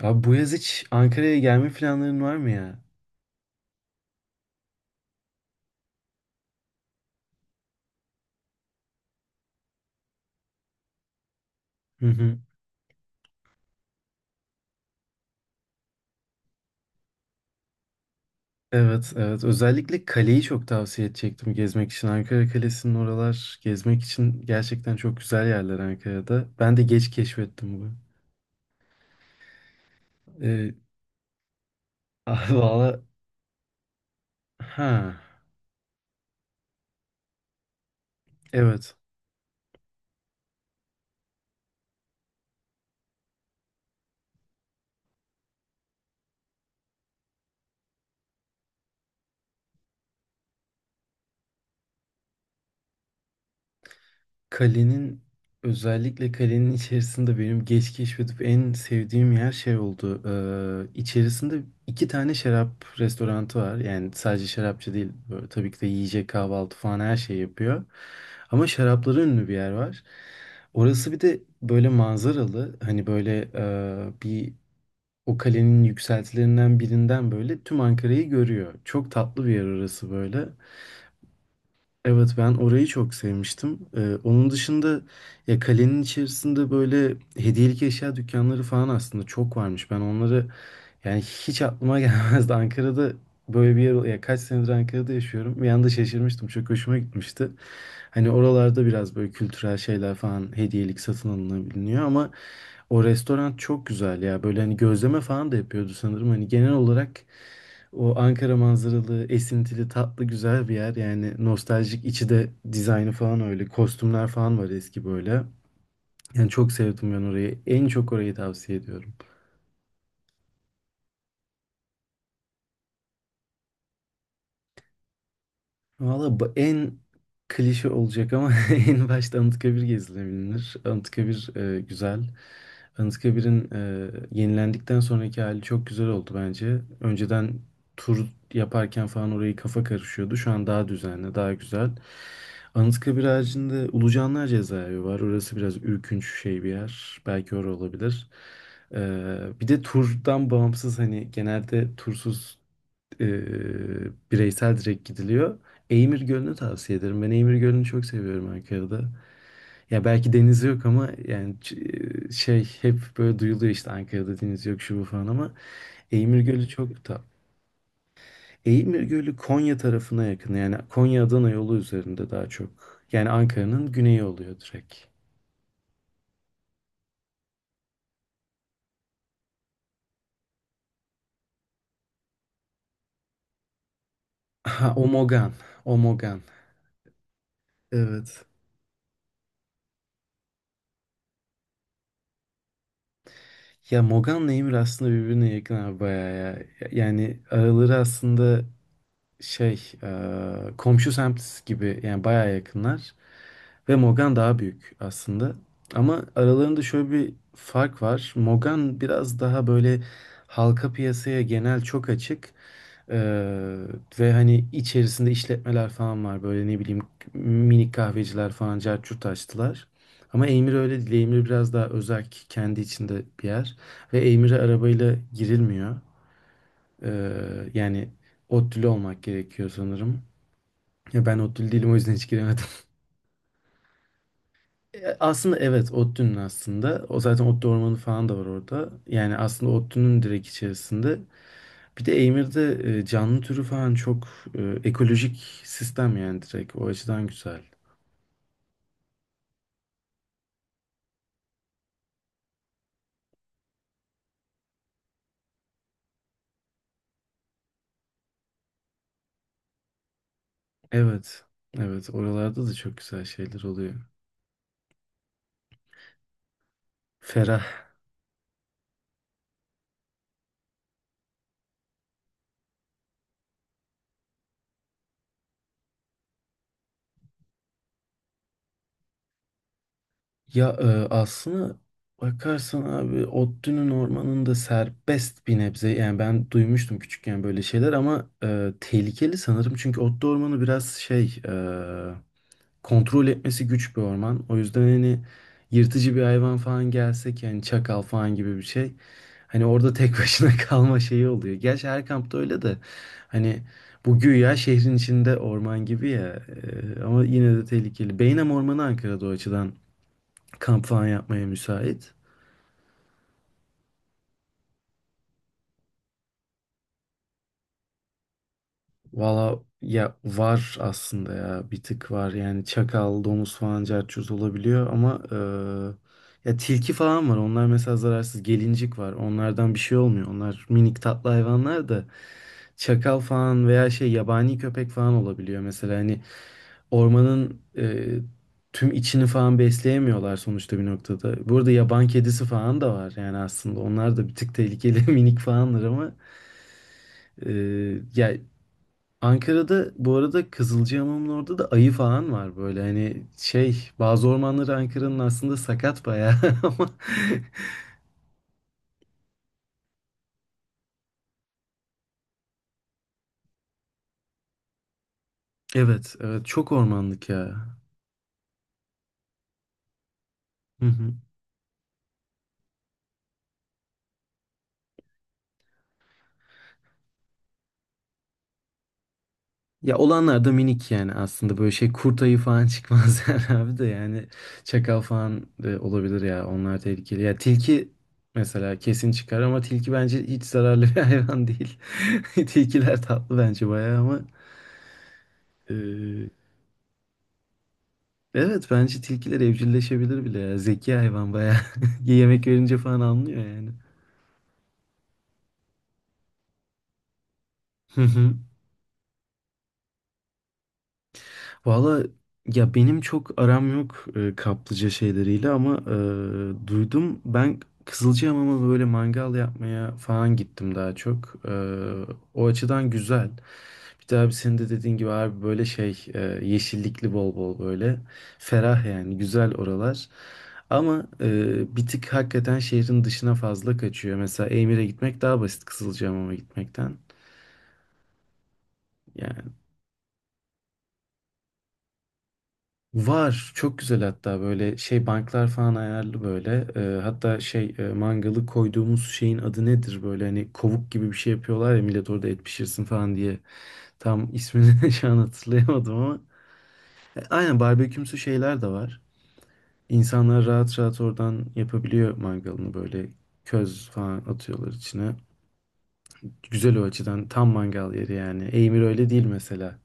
Abi bu yaz hiç Ankara'ya gelme planların var mı ya? Hı hı. Evet, evet. Özellikle kaleyi çok tavsiye edecektim gezmek için. Ankara Kalesi'nin oralar gezmek için gerçekten çok güzel yerler Ankara'da. Ben de geç keşfettim bu. Ee, ah, valla ha evet. Kalenin Özellikle kalenin içerisinde benim geç keşfedip en sevdiğim yer şey oldu. İçerisinde iki tane şarap restoranı var. Yani sadece şarapçı değil. Böyle, tabii ki de yiyecek kahvaltı falan her şey yapıyor. Ama şarapları ünlü bir yer var. Orası bir de böyle manzaralı. Hani böyle bir o kalenin yükseltilerinden birinden böyle tüm Ankara'yı görüyor. Çok tatlı bir yer orası böyle. Evet ben orayı çok sevmiştim. Onun dışında ya kalenin içerisinde böyle hediyelik eşya dükkanları falan aslında çok varmış. Ben onları yani hiç aklıma gelmezdi. Ankara'da böyle bir yer ya kaç senedir Ankara'da yaşıyorum. Bir anda şaşırmıştım. Çok hoşuma gitmişti. Hani oralarda biraz böyle kültürel şeyler falan hediyelik satın alınabiliyor ama o restoran çok güzel ya. Böyle hani gözleme falan da yapıyordu sanırım. Hani genel olarak o Ankara manzaralı, esintili, tatlı, güzel bir yer. Yani nostaljik içi de dizaynı falan öyle. Kostümler falan var eski böyle. Yani çok sevdim ben orayı. En çok orayı tavsiye ediyorum. Valla bu en klişe olacak ama en başta Anıtkabir gezilebilir. Anıtkabir güzel. Anıtkabir'in yenilendikten sonraki hali çok güzel oldu bence. Önceden tur yaparken falan orayı kafa karışıyordu. Şu an daha düzenli, daha güzel. Anıtkabir haricinde Ulucanlar Cezaevi var. Orası biraz ürkünç şey bir yer. Belki orası olabilir. E, bir de turdan bağımsız hani genelde tursuz e, bireysel direkt gidiliyor. Eymir Gölü'nü tavsiye ederim. Ben Eymir Gölü'nü çok seviyorum Ankara'da. Ya belki denizi yok ama yani şey hep böyle duyuluyor işte Ankara'da deniz yok şu bu falan ama Eymir Gölü çok tatlı. Eymir Gölü Konya tarafına yakın. Yani Konya-Adana yolu üzerinde daha çok. Yani Ankara'nın güneyi oluyor direkt. Ha, Omogan. Omogan. Evet. Ya Mogan'la Emir aslında birbirine yakın abi bayağı ya. Yani araları aslında şey komşu semt gibi yani bayağı yakınlar ve Mogan daha büyük aslında. Ama aralarında şöyle bir fark var. Mogan biraz daha böyle halka piyasaya genel çok açık e, ve hani içerisinde işletmeler falan var böyle ne bileyim minik kahveciler falan carçurt açtılar. Ama Eymir öyle değil. Eymir biraz daha özerk kendi içinde bir yer ve Eymir'e arabayla girilmiyor. E, yani ODTÜ'lü olmak gerekiyor sanırım. Ya ben ODTÜ'lü değilim o yüzden hiç giremedim. E, aslında evet ODTÜ'nün aslında. O zaten ODTÜ ormanı falan da var orada. Yani aslında ODTÜ'nün direkt içerisinde. Bir de Eymir'de canlı türü falan çok ekolojik sistem yani direkt. O açıdan güzel. Evet. Evet oralarda da çok güzel şeyler oluyor. Ferah. Ya aslına bakarsan abi Ottu'nun ormanında serbest bir nebze yani ben duymuştum küçükken böyle şeyler ama tehlikeli sanırım çünkü Ottu ormanı biraz şey kontrol etmesi güç bir orman o yüzden hani yırtıcı bir hayvan falan gelsek yani çakal falan gibi bir şey hani orada tek başına kalma şeyi oluyor. Gerçi her kampta öyle de hani bu güya şehrin içinde orman gibi ya ama yine de tehlikeli. Beynam Ormanı Ankara'da o açıdan kamp falan yapmaya müsait. Valla ya var aslında ya bir tık var yani çakal, domuz falan cerçuz olabiliyor ama ya tilki falan var onlar mesela zararsız gelincik var onlardan bir şey olmuyor onlar minik tatlı hayvanlar da çakal falan veya şey yabani köpek falan olabiliyor mesela hani ormanın tüm içini falan besleyemiyorlar sonuçta bir noktada. Burada yaban kedisi falan da var yani aslında onlar da bir tık tehlikeli minik falanlar ama Ee, ya Ankara'da bu arada Kızılcahamam'ın orada da ayı falan var böyle hani şey bazı ormanları Ankara'nın aslında sakat bayağı ama evet evet çok ormanlık ya. Hı hı. Ya olanlar da minik yani aslında böyle şey kurt ayı falan çıkmaz yani abi de yani çakal falan da olabilir ya onlar tehlikeli. Ya tilki mesela kesin çıkar ama tilki bence hiç zararlı bir hayvan değil. Tilkiler tatlı bence bayağı ama evet bence tilkiler evcilleşebilir bile ya. Zeki hayvan bayağı. Yemek verince falan anlıyor yani. Valla ya benim çok aram yok kaplıca şeyleriyle ama duydum ben Kızılcahamam'a böyle mangal yapmaya falan gittim daha çok. E, o açıdan güzel. Bir de abi senin de dediğin gibi abi böyle şey yeşillikli bol bol böyle ferah yani güzel oralar. Ama bir tık hakikaten şehrin dışına fazla kaçıyor. Mesela Emir'e gitmek daha basit Kızılcahamam'a gitmekten. Yani var. Çok güzel hatta böyle şey banklar falan ayarlı böyle. Hatta şey mangalı koyduğumuz şeyin adı nedir? Böyle hani kovuk gibi bir şey yapıyorlar ya millet orada et pişirsin falan diye. Tam ismini şu an hatırlayamadım ama. E, aynen barbekümsü şeyler de var. İnsanlar rahat rahat oradan yapabiliyor mangalını böyle köz falan atıyorlar içine. Güzel o açıdan tam mangal yeri yani. Eymir öyle değil mesela.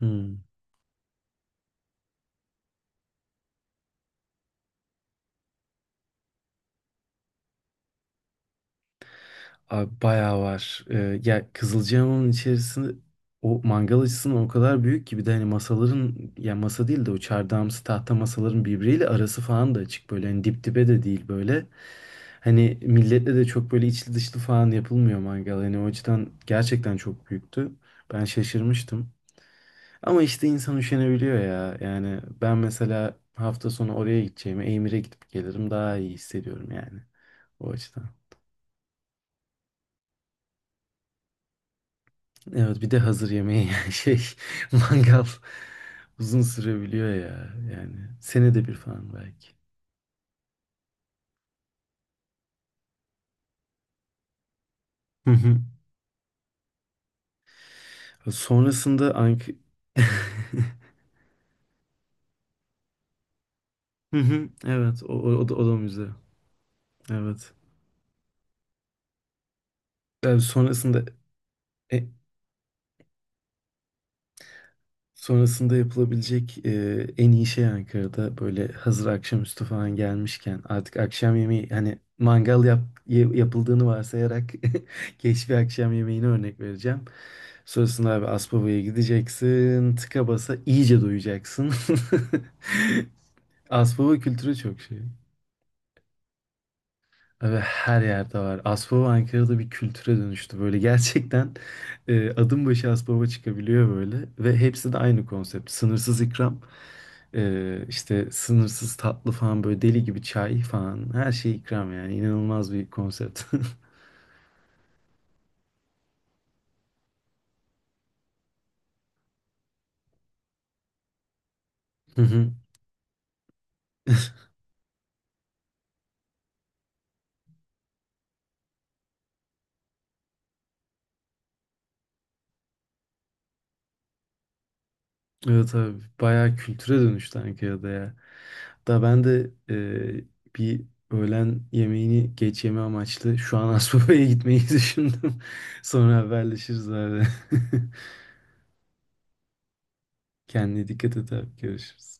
Hmm. Abi bayağı var. Ya Kızılcahamam'ın içerisinde o mangal açısından o kadar büyük ki bir de hani masaların ya masa değil de o çardağımsı tahta masaların birbiriyle arası falan da açık böyle hani dip dibe de değil böyle. Hani milletle de çok böyle içli dışlı falan yapılmıyor mangal. Hani o açıdan gerçekten çok büyüktü. Ben şaşırmıştım. Ama işte insan üşenebiliyor ya. Yani ben mesela hafta sonu oraya gideceğime Emir'e gidip gelirim daha iyi hissediyorum yani o açıdan. Evet bir de hazır yemeği yani şey mangal uzun sürebiliyor ya yani senede bir falan belki. Hı hı. Sonrasında Ank hı hı, evet o da müze. Evet. Yani sonrasında e, sonrasında yapılabilecek en iyi şey Ankara'da böyle hazır akşamüstü falan gelmişken artık akşam yemeği hani mangal yapıldığını varsayarak geç bir akşam yemeğini örnek vereceğim. Sonrasında abi Aspava'ya gideceksin. Tıka basa iyice doyacaksın. Aspava kültürü çok şey. Abi her yerde var. Aspava Ankara'da bir kültüre dönüştü. Böyle gerçekten adım başı Aspava çıkabiliyor böyle. Ve hepsi de aynı konsept. Sınırsız ikram. İşte sınırsız tatlı falan böyle deli gibi çay falan. Her şey ikram yani. İnanılmaz bir konsept. Hı hı. Evet abi bayağı kültüre dönüştü Ankara'da ya. Da ben de bir öğlen yemeğini geç yeme amaçlı şu an Asbaba'ya gitmeyi düşündüm. Sonra haberleşiriz abi. Kendine dikkat et abi. Görüşürüz.